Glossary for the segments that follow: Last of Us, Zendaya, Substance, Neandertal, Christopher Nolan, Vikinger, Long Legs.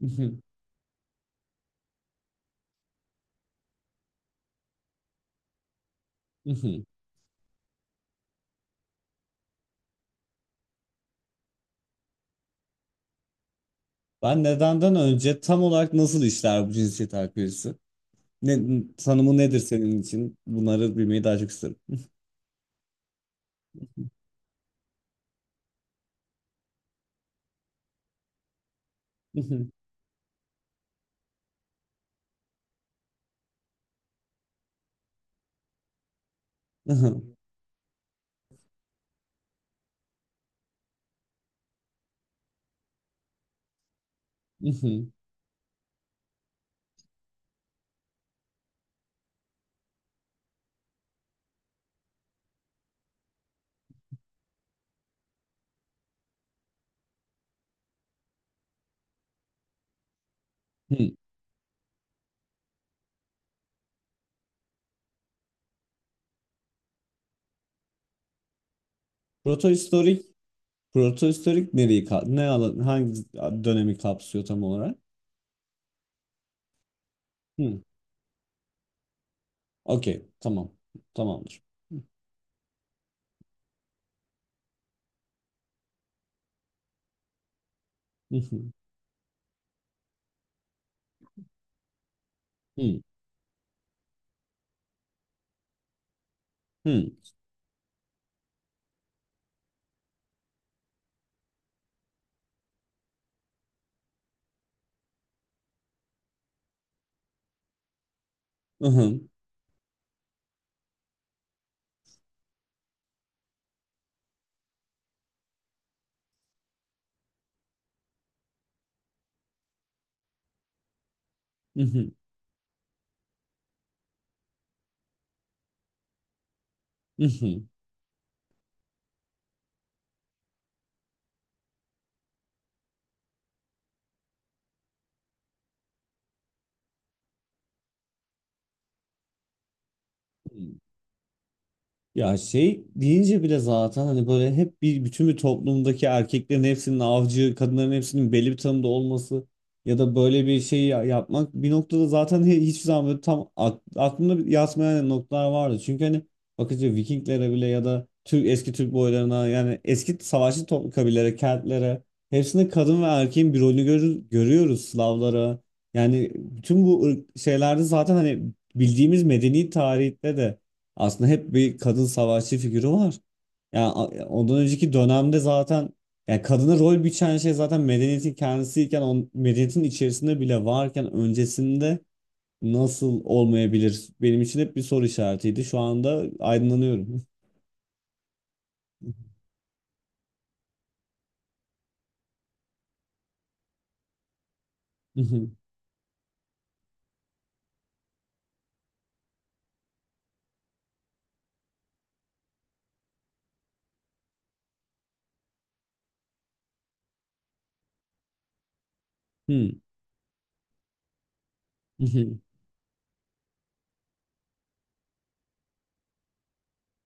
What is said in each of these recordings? Mhm, mhm. Ben nedenden önce tam olarak nasıl işler bu cinsiyet ayrımcılığı? Ne, tanımı nedir senin için? Bunları bilmeyi daha çok isterim. Mhm, aha, mhm, hı. Protohistorik, protohistorik ne alan hangi dönemi kapsıyor tam olarak? Hı. Okey, tamam. Tamamdır. Mhm, hı, hı, aha, mhm, mhm, hı. Ya şey deyince bile zaten hani böyle hep bir bütün bir toplumdaki erkeklerin hepsinin avcı, kadınların hepsinin belli bir tanımda olması ya da böyle bir şey yapmak bir noktada zaten hiçbir zaman böyle tam aklımda yatmayan noktalar vardı. Çünkü hani bakınca Vikinglere bile ya da eski Türk boylarına yani eski savaşçı toplum kabilelere, Keltlere hepsinde kadın ve erkeğin bir rolünü görür, görüyoruz Slavlara. Yani bütün bu şeylerde zaten hani bildiğimiz medeni tarihte de aslında hep bir kadın savaşçı figürü var. Yani ondan önceki dönemde zaten yani kadına rol biçen şey zaten medeniyetin kendisiyken medeniyetin içerisinde bile varken öncesinde nasıl olmayabilir? Benim için hep bir soru işaretiydi. Şu anda aydınlanıyorum.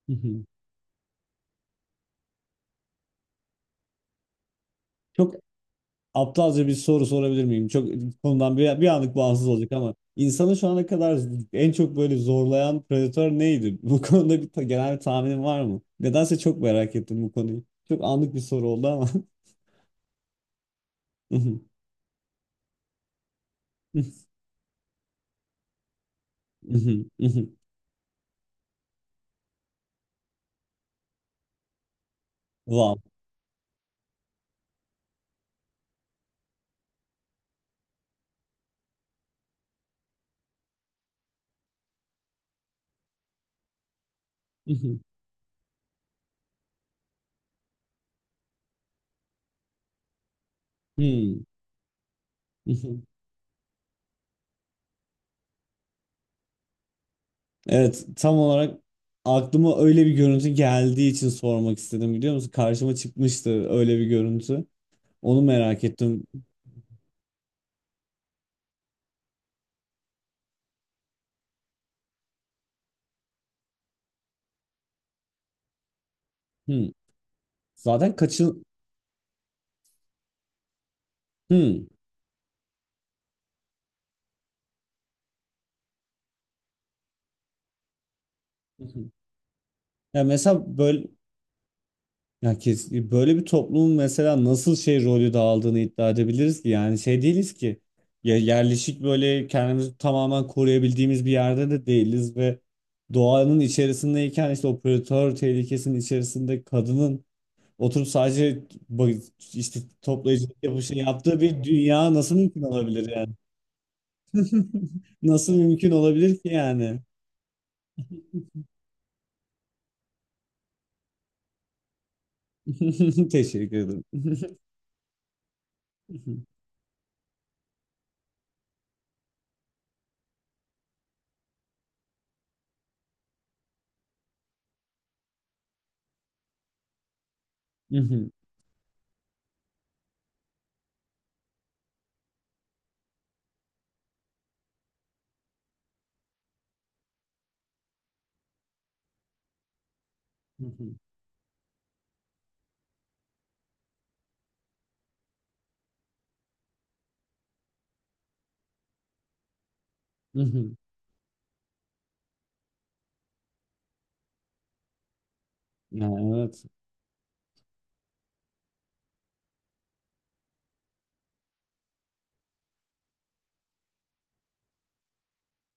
Çok aptalca bir soru sorabilir miyim? Çok konudan bir anlık bağımsız olacak ama insanı şu ana kadar en çok böyle zorlayan predatör neydi? Bu konuda genel bir tahminin var mı? Nedense çok merak ettim bu konuyu. Çok anlık bir soru oldu ama. Wow. Evet, tam olarak aklıma öyle bir görüntü geldiği için sormak istedim biliyor musun? Karşıma çıkmıştı öyle bir görüntü. Onu merak ettim. Hmm. Zaten kaçın... Hmm. Ya mesela böyle ya böyle bir toplumun mesela nasıl şey rolü dağıldığını iddia edebiliriz ki yani şey değiliz ki ya yerleşik böyle kendimizi tamamen koruyabildiğimiz bir yerde de değiliz ve doğanın içerisindeyken işte o predatör tehlikesinin içerisinde kadının oturup sadece ba- işte toplayıcılık yapıp şey yaptığı bir dünya nasıl mümkün olabilir yani? Nasıl mümkün olabilir ki yani? Teşekkür ederim. Ya evet.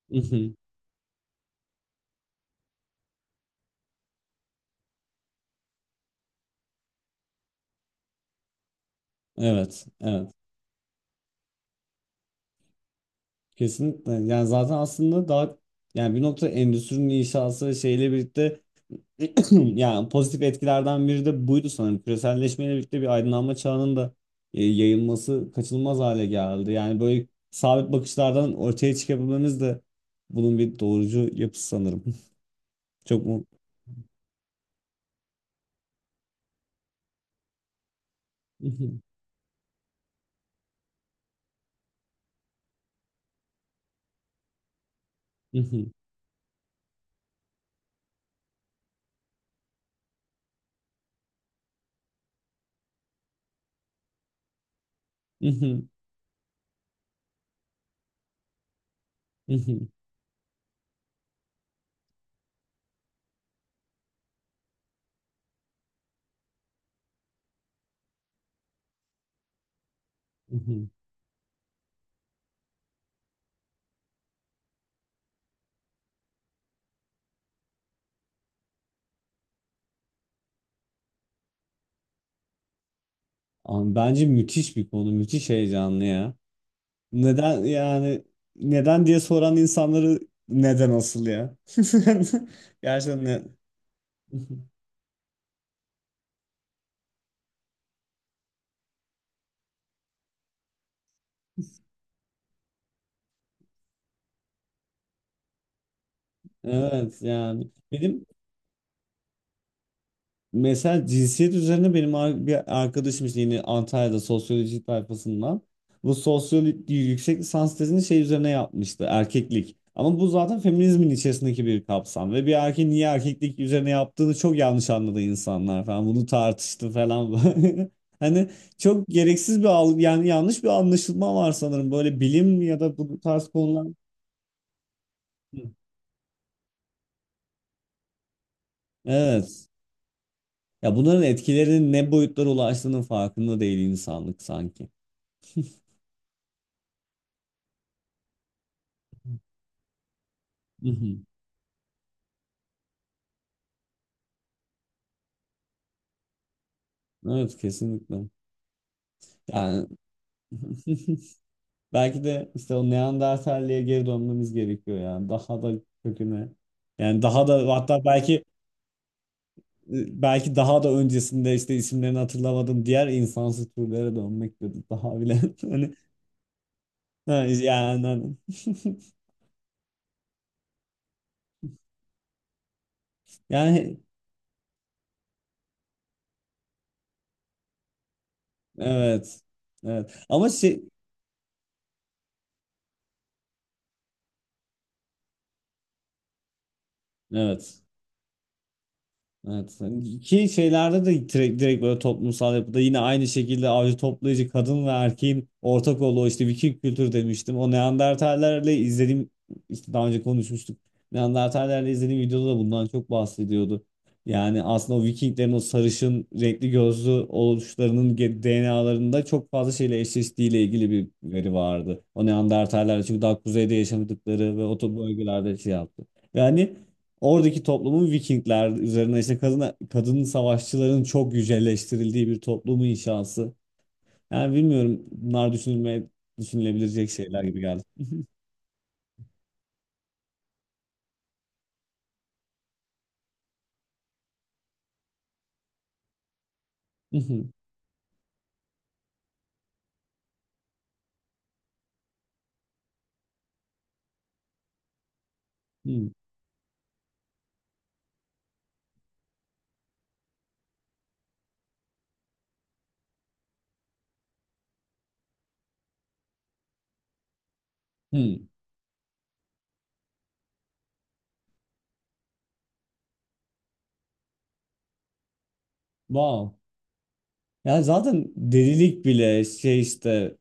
Mhm. Evet, evet. Kesinlikle. Yani zaten aslında daha yani bir nokta endüstrinin inşası şeyle birlikte yani pozitif etkilerden biri de buydu sanırım. Küreselleşmeyle birlikte bir aydınlanma çağının da yayılması kaçınılmaz hale geldi. Yani böyle sabit bakışlardan ortaya çıkabilmemiz de bunun bir doğrucu yapısı sanırım. Çok mu? Mhm. Mhm. Mhm. Mhm. Mhm. Ama bence müthiş bir konu, müthiş heyecanlı ya. Neden yani neden diye soran insanları neden asıl ya? Gerçekten ne? Evet yani benim mesela cinsiyet üzerine benim bir arkadaşım işte yine Antalya'da sosyoloji tayfasından bu sosyoloji yüksek lisans tezini şey üzerine yapmıştı erkeklik. Ama bu zaten feminizmin içerisindeki bir kapsam ve bir erkeğin niye erkeklik üzerine yaptığını çok yanlış anladı insanlar falan bunu tartıştı falan. Hani çok gereksiz bir algı yani yanlış bir anlaşılma var sanırım böyle bilim ya da bu tarz konular. Hı. Evet. Ya bunların etkilerinin ne boyutlara ulaştığının farkında değil insanlık sanki. Hı hı. Evet kesinlikle. Yani belki de işte o Neandertalliğe geri dönmemiz gerekiyor yani. Daha da köküne. Yani daha da hatta belki belki daha da öncesinde işte isimlerini hatırlamadığım diğer insansı türlere dönmek dedi. Daha bile hani ha, yani hani. yani evet. Evet. Ama şey evet. Evet. Ki şeylerde de direkt böyle toplumsal yapıda yine aynı şekilde avcı toplayıcı kadın ve erkeğin ortak olduğu işte Viking kültür demiştim. O Neandertallerle izlediğim işte daha önce konuşmuştuk. Neandertallerle izlediğim videoda da bundan çok bahsediyordu. Yani aslında o Vikinglerin o sarışın renkli gözlü oluşlarının DNA'larında çok fazla şeyle eşleştiğiyle ilgili bir veri vardı. O Neandertallerle çünkü daha kuzeyde yaşadıkları ve o bölgelerde şey yaptı. Yani oradaki toplumun Vikingler üzerine işte kadın savaşçıların çok yücelleştirildiği bir toplumu inşası. Yani bilmiyorum bunlar düşünülebilecek şeyler gibi geldi. Hmm, hmm, hmm. Wow. Yani zaten delilik bile şey işte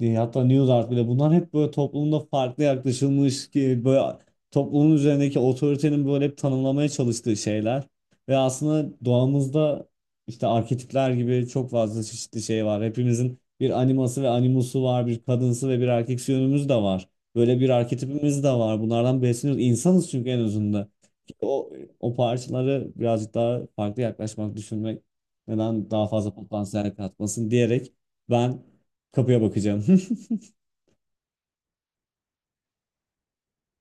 hatta New Art bile bunlar hep böyle toplumda farklı yaklaşılmış ki böyle toplumun üzerindeki otoritenin böyle hep tanımlamaya çalıştığı şeyler ve aslında doğamızda işte arketipler gibi çok fazla çeşitli şey var. Hepimizin bir animası ve animusu var, bir kadınsı ve bir erkeksi yönümüz de var. Böyle bir arketipimiz de var. Bunlardan besleniyoruz. İnsanız çünkü en özünde. O, o parçaları birazcık daha farklı yaklaşmak, düşünmek neden daha fazla potansiyel katmasın diyerek ben kapıya bakacağım.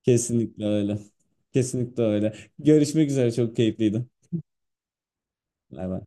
Kesinlikle öyle. Kesinlikle öyle. Görüşmek üzere çok keyifliydi. Bay bay.